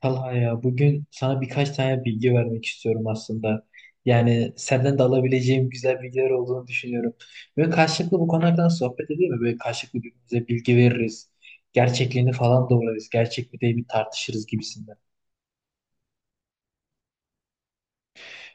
Talha ya bugün sana birkaç tane bilgi vermek istiyorum aslında. Yani senden de alabileceğim güzel bilgiler olduğunu düşünüyorum. Böyle karşılıklı bu konulardan sohbet edelim mi? Böyle karşılıklı birbirimize bilgi veririz. Gerçekliğini falan doğrularız. Gerçek mi değil mi tartışırız gibisinden.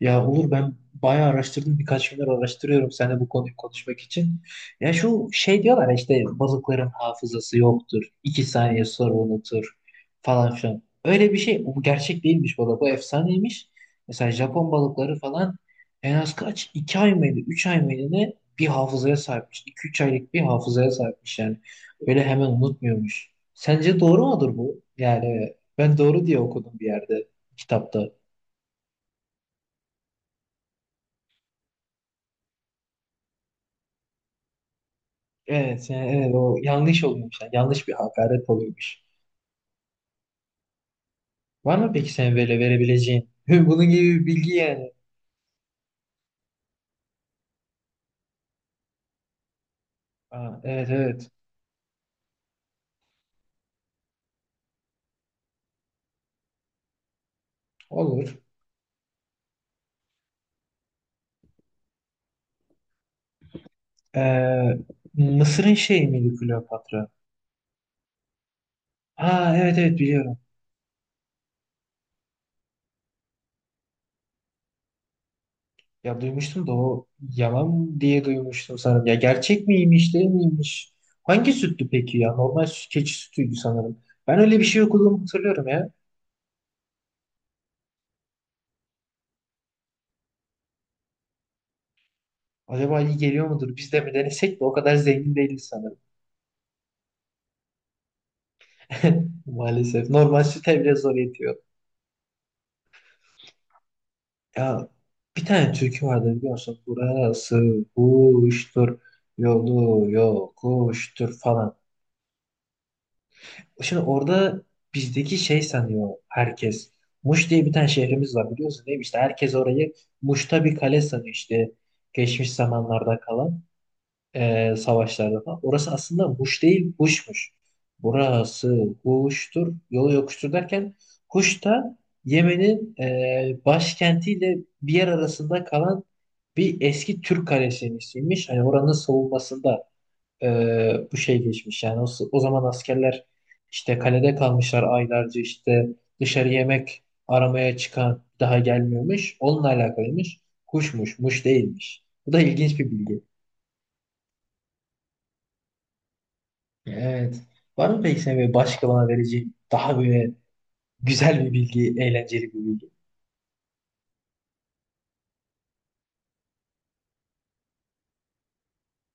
Ya Uğur ben bayağı araştırdım. Birkaç gündür araştırıyorum seninle bu konuyu konuşmak için. Ya şu şey diyorlar ya, işte balıkların hafızası yoktur. 2 saniye sonra unutur falan filan. Öyle bir şey. Bu gerçek değilmiş bu arada. Bu efsaneymiş. Mesela Japon balıkları falan en az kaç? 2 ay mıydı? 3 ay mıydı ne? Bir hafızaya sahipmiş. İki üç aylık bir hafızaya sahipmiş yani. Öyle hemen unutmuyormuş. Sence doğru mudur bu? Yani ben doğru diye okudum bir yerde kitapta. Evet, yani evet o yanlış oluyormuş. Yani yanlış bir hakaret oluyormuş. Var mı peki sen böyle verebileceğin? Bunun gibi bir bilgi yani. Aa, evet evet olur. Ee, Mısır'ın şeyi miydi Kleopatra? Ha, evet evet biliyorum. Ya duymuştum da o yalan diye duymuştum sanırım. Ya gerçek miymiş değil miymiş? Hangi süttü peki ya? Normal süt, keçi sütüydü sanırım. Ben öyle bir şey okuduğumu hatırlıyorum ya. Acaba iyi geliyor mudur? Biz de mi denesek de o kadar zengin değiliz sanırım. Maalesef. Normal süte bile zor yetiyor. Ya bir tane türkü vardı biliyorsun. Burası kuştur, yolu yokuştur falan. Şimdi orada bizdeki şey sanıyor herkes. Muş diye bir tane şehrimiz var biliyorsun değil mi? İşte herkes orayı Muş'ta bir kale sanıyor işte. Geçmiş zamanlarda kalan. Savaşlarda falan. Orası aslında Huş değil, Huş'muş. Burası Huş'tur, yolu yokuştur derken Huş da Yemen'in başkentiyle bir yer arasında kalan bir eski Türk kalesinin ismiymiş. Hani oranın savunmasında bu şey geçmiş. Yani o zaman askerler işte kalede kalmışlar aylarca işte dışarı yemek aramaya çıkan daha gelmiyormuş. Onunla alakalıymış. Huşmuş, muş değilmiş. Bu da ilginç bir bilgi. Evet. Var mı peki senin böyle başka bana vereceğin daha böyle güzel bir bilgi, eğlenceli bir bilgi?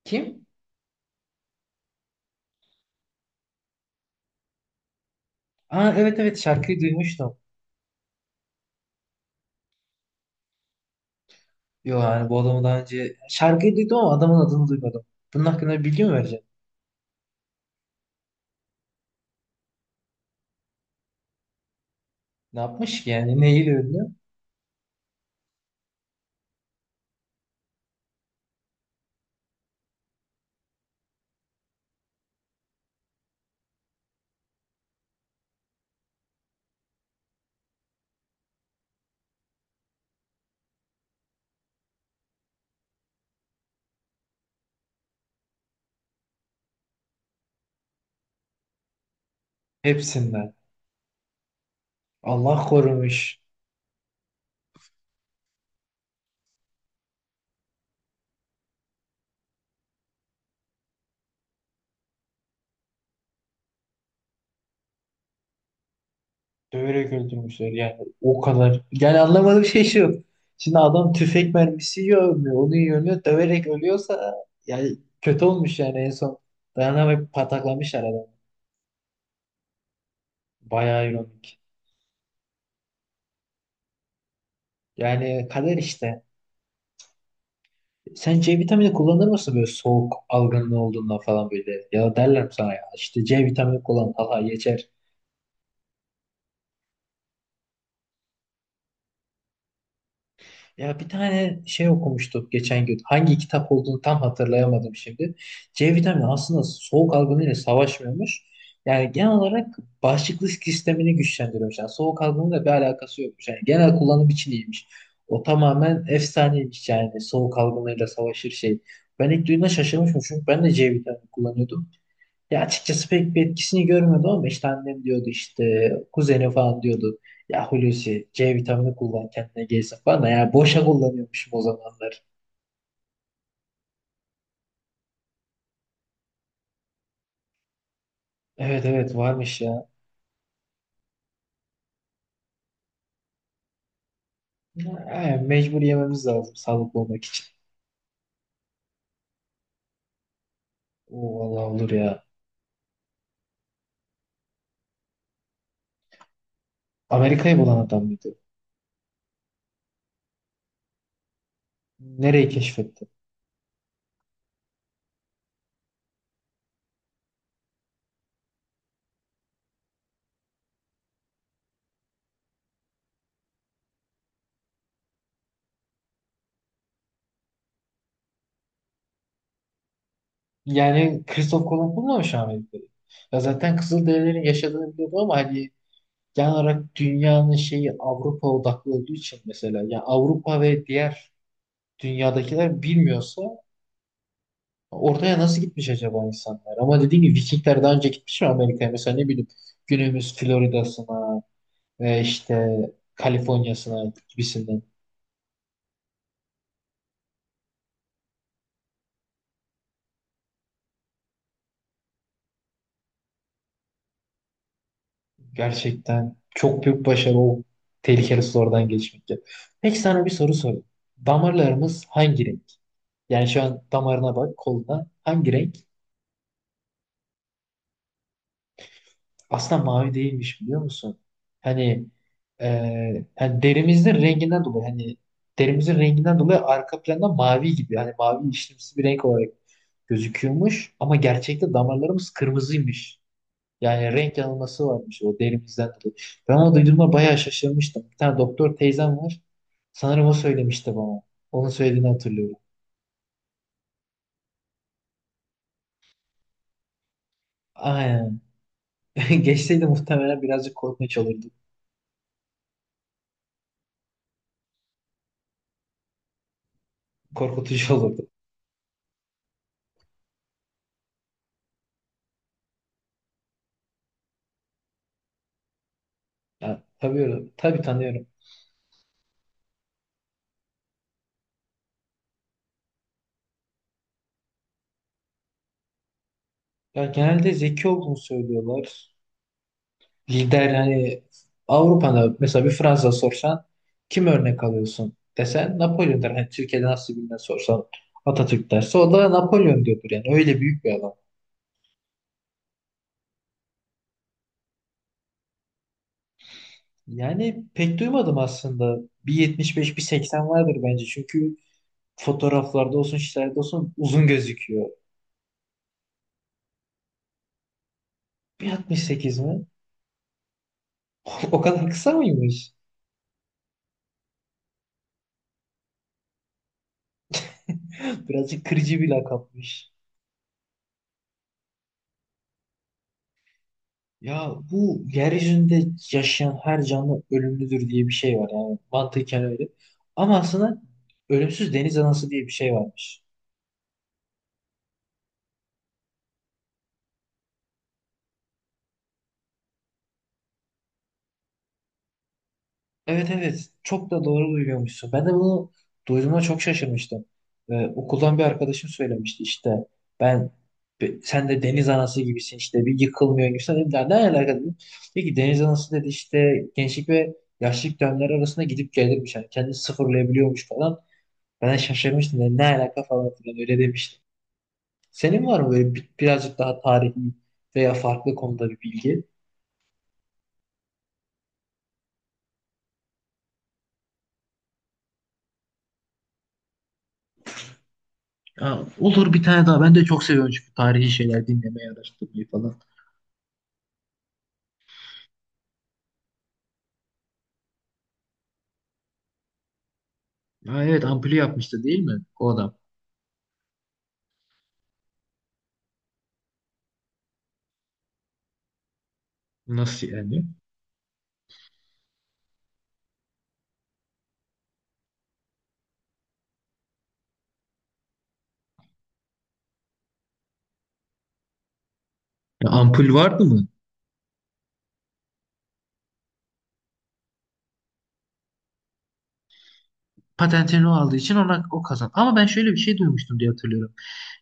Kim? Aa, evet evet şarkıyı duymuştum. Yo yani bu adamı daha önce şarkıyı duydum ama adamın adını duymadım. Bunun hakkında bir bilgi mi vereceksin? Ne yapmış ki yani? Neyle ünlü? Hepsinden. Allah korumuş. Döverek öldürmüşler yani o kadar. Yani anlamadığım şey şu. Şimdi adam tüfek mermisi yiyor ölmüyor. Onu yiyor ölmüyor. Döverek ölüyorsa yani kötü olmuş yani en son. Dayanamayıp pataklamışlar adamı. Bayağı ironik. Yani kader işte. Sen C vitamini kullanır mısın böyle soğuk algınlığı olduğunda falan böyle? Ya derler mi sana ya işte C vitamini kullan Allah geçer. Ya bir tane şey okumuştuk geçen gün. Hangi kitap olduğunu tam hatırlayamadım şimdi. C vitamini aslında soğuk algınlığıyla savaşmıyormuş. Yani genel olarak bağışıklık sistemini güçlendiriyormuş. Yani soğuk algınlığıyla bir alakası yokmuş. Yani genel kullanım için iyiymiş. O tamamen efsaneymiş yani soğuk algınlığıyla savaşır şey. Ben ilk duyduğumda şaşırmışım çünkü ben de C vitamini kullanıyordum. Ya açıkçası pek bir etkisini görmedim ama işte annem diyordu işte kuzeni falan diyordu. Ya Hulusi C vitamini kullan kendine gelsin falan da ya boşa kullanıyormuşum o zamanlar. Evet evet varmış ya. Ya, mecbur yememiz lazım sağlıklı olmak için. O vallahi olur ya. Amerika'yı bulan adam mıydı? Nereyi keşfetti? Yani Christoph Kolomb bulmamış Amerika'yı. Ya zaten Kızılderililerin yaşadığını biliyordu ama hani genel olarak dünyanın şeyi Avrupa odaklı olduğu için mesela yani Avrupa ve diğer dünyadakiler bilmiyorsa oraya nasıl gitmiş acaba insanlar? Ama dediğim gibi Vikingler daha önce gitmiş mi Amerika'ya? Mesela ne bileyim günümüz Florida'sına ve işte Kaliforniya'sına gibisinden. Gerçekten çok büyük başarı o tehlikeli sulardan geçmek ya. Peki sana bir soru sorayım. Damarlarımız hangi renk? Yani şu an damarına bak koluna hangi renk? Aslında mavi değilmiş biliyor musun? Hani, e, hani derimizin renginden dolayı arka planda mavi gibi hani mavi işlemsi bir renk olarak gözüküyormuş ama gerçekte damarlarımız kırmızıymış. Yani renk yanılması varmış o derimizden dolayı. Ben onu duyduğumda bayağı şaşırmıştım. Bir tane doktor teyzem var. Sanırım o söylemişti bana. Onun söylediğini hatırlıyorum. Aynen. Geçseydi muhtemelen birazcık korkunç olurdu. Korkutucu olurdu. Ya, tabii, tabii tanıyorum. Ya, genelde zeki olduğunu söylüyorlar. Lider yani Avrupa'da mesela bir Fransa sorsan kim örnek alıyorsun desen Napolyon der. Hani Türkiye'de nasıl bilinen sorsan Atatürk derse o da Napolyon diyordur yani öyle büyük bir adam. Yani pek duymadım aslında. Bir 75, bir 80 vardır bence. Çünkü fotoğraflarda olsun şeylerde olsun uzun gözüküyor. Bir 68 mi? O kadar kısa mıymış? Birazcık kırıcı bir lakapmış. Ya bu yeryüzünde yaşayan her canlı ölümlüdür diye bir şey var yani mantıken öyle. Ama aslında ölümsüz deniz anası diye bir şey varmış. Evet evet çok da doğru duyuyormuşsun. Ben de bunu duyduğuma çok şaşırmıştım. Okuldan bir arkadaşım söylemişti işte ben sen de deniz anası gibisin işte bir yıkılmıyor gibisin. Dedim, ne alaka dedim. Peki deniz anası dedi işte gençlik ve yaşlılık dönemleri arasında gidip gelirmiş. Yani kendini sıfırlayabiliyormuş falan. Ben de şaşırmıştım dedim, ne alaka falan filan öyle demiştim. Senin var mı böyle birazcık daha tarihi veya farklı konuda bir bilgi? Ya, olur bir tane daha. Ben de çok seviyorum çünkü tarihi şeyler dinlemeyi, araştırmayı falan. Ha, evet ampulü yapmıştı değil mi o adam? Nasıl yani? Ya, ampul vardı mı? Patentini o aldığı için ona o kazan. Ama ben şöyle bir şey duymuştum diye hatırlıyorum.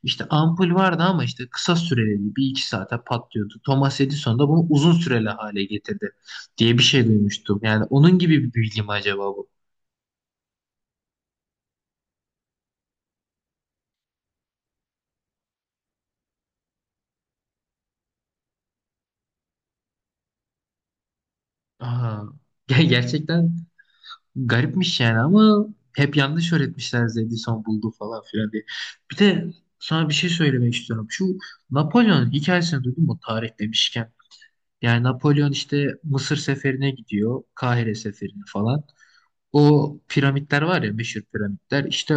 İşte ampul vardı ama işte kısa süreli bir iki saate patlıyordu. Thomas Edison da bunu uzun süreli hale getirdi diye bir şey duymuştum. Yani onun gibi bir bilgi mi acaba bu? Aha. Gerçekten garipmiş yani ama hep yanlış öğretmişler Zedison buldu falan filan diye. Bir de sana bir şey söylemek istiyorum. Şu Napolyon hikayesini duydun mu tarih demişken? Yani Napolyon işte Mısır seferine gidiyor. Kahire seferine falan. O piramitler var ya meşhur piramitler. İşte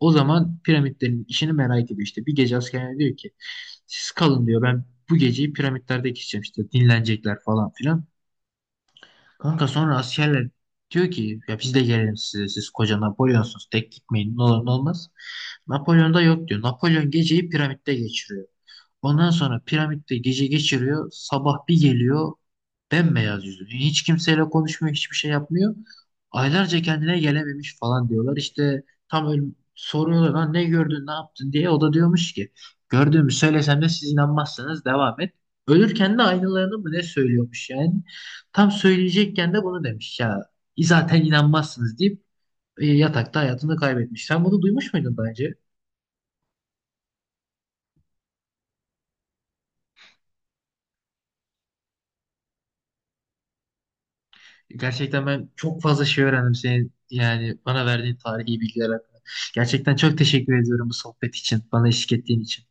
o zaman piramitlerin işini merak ediyor işte. Bir gece askerine diyor ki siz kalın diyor ben bu geceyi piramitlerde geçeceğim işte dinlenecekler falan filan. Kanka sonra askerler diyor ki ya biz de gelelim size siz koca Napolyonsunuz tek gitmeyin ne olur ne olmaz. Napolyon da yok diyor. Napolyon geceyi piramitte geçiriyor. Ondan sonra piramitte gece geçiriyor. Sabah bir geliyor bembeyaz yüzü. Hiç kimseyle konuşmuyor hiçbir şey yapmıyor. Aylarca kendine gelememiş falan diyorlar. İşte tam öyle soruyorlar lan ne gördün ne yaptın diye. O da diyormuş ki gördüğümü söylesem de siz inanmazsınız devam et. Ölürken de aynılarını mı ne söylüyormuş yani. Tam söyleyecekken de bunu demiş ya. Zaten inanmazsınız deyip yatakta hayatını kaybetmiş. Sen bunu duymuş muydun daha önce? Gerçekten ben çok fazla şey öğrendim senin yani bana verdiğin tarihi bilgiler hakkında. Gerçekten çok teşekkür ediyorum bu sohbet için, bana eşlik ettiğin için.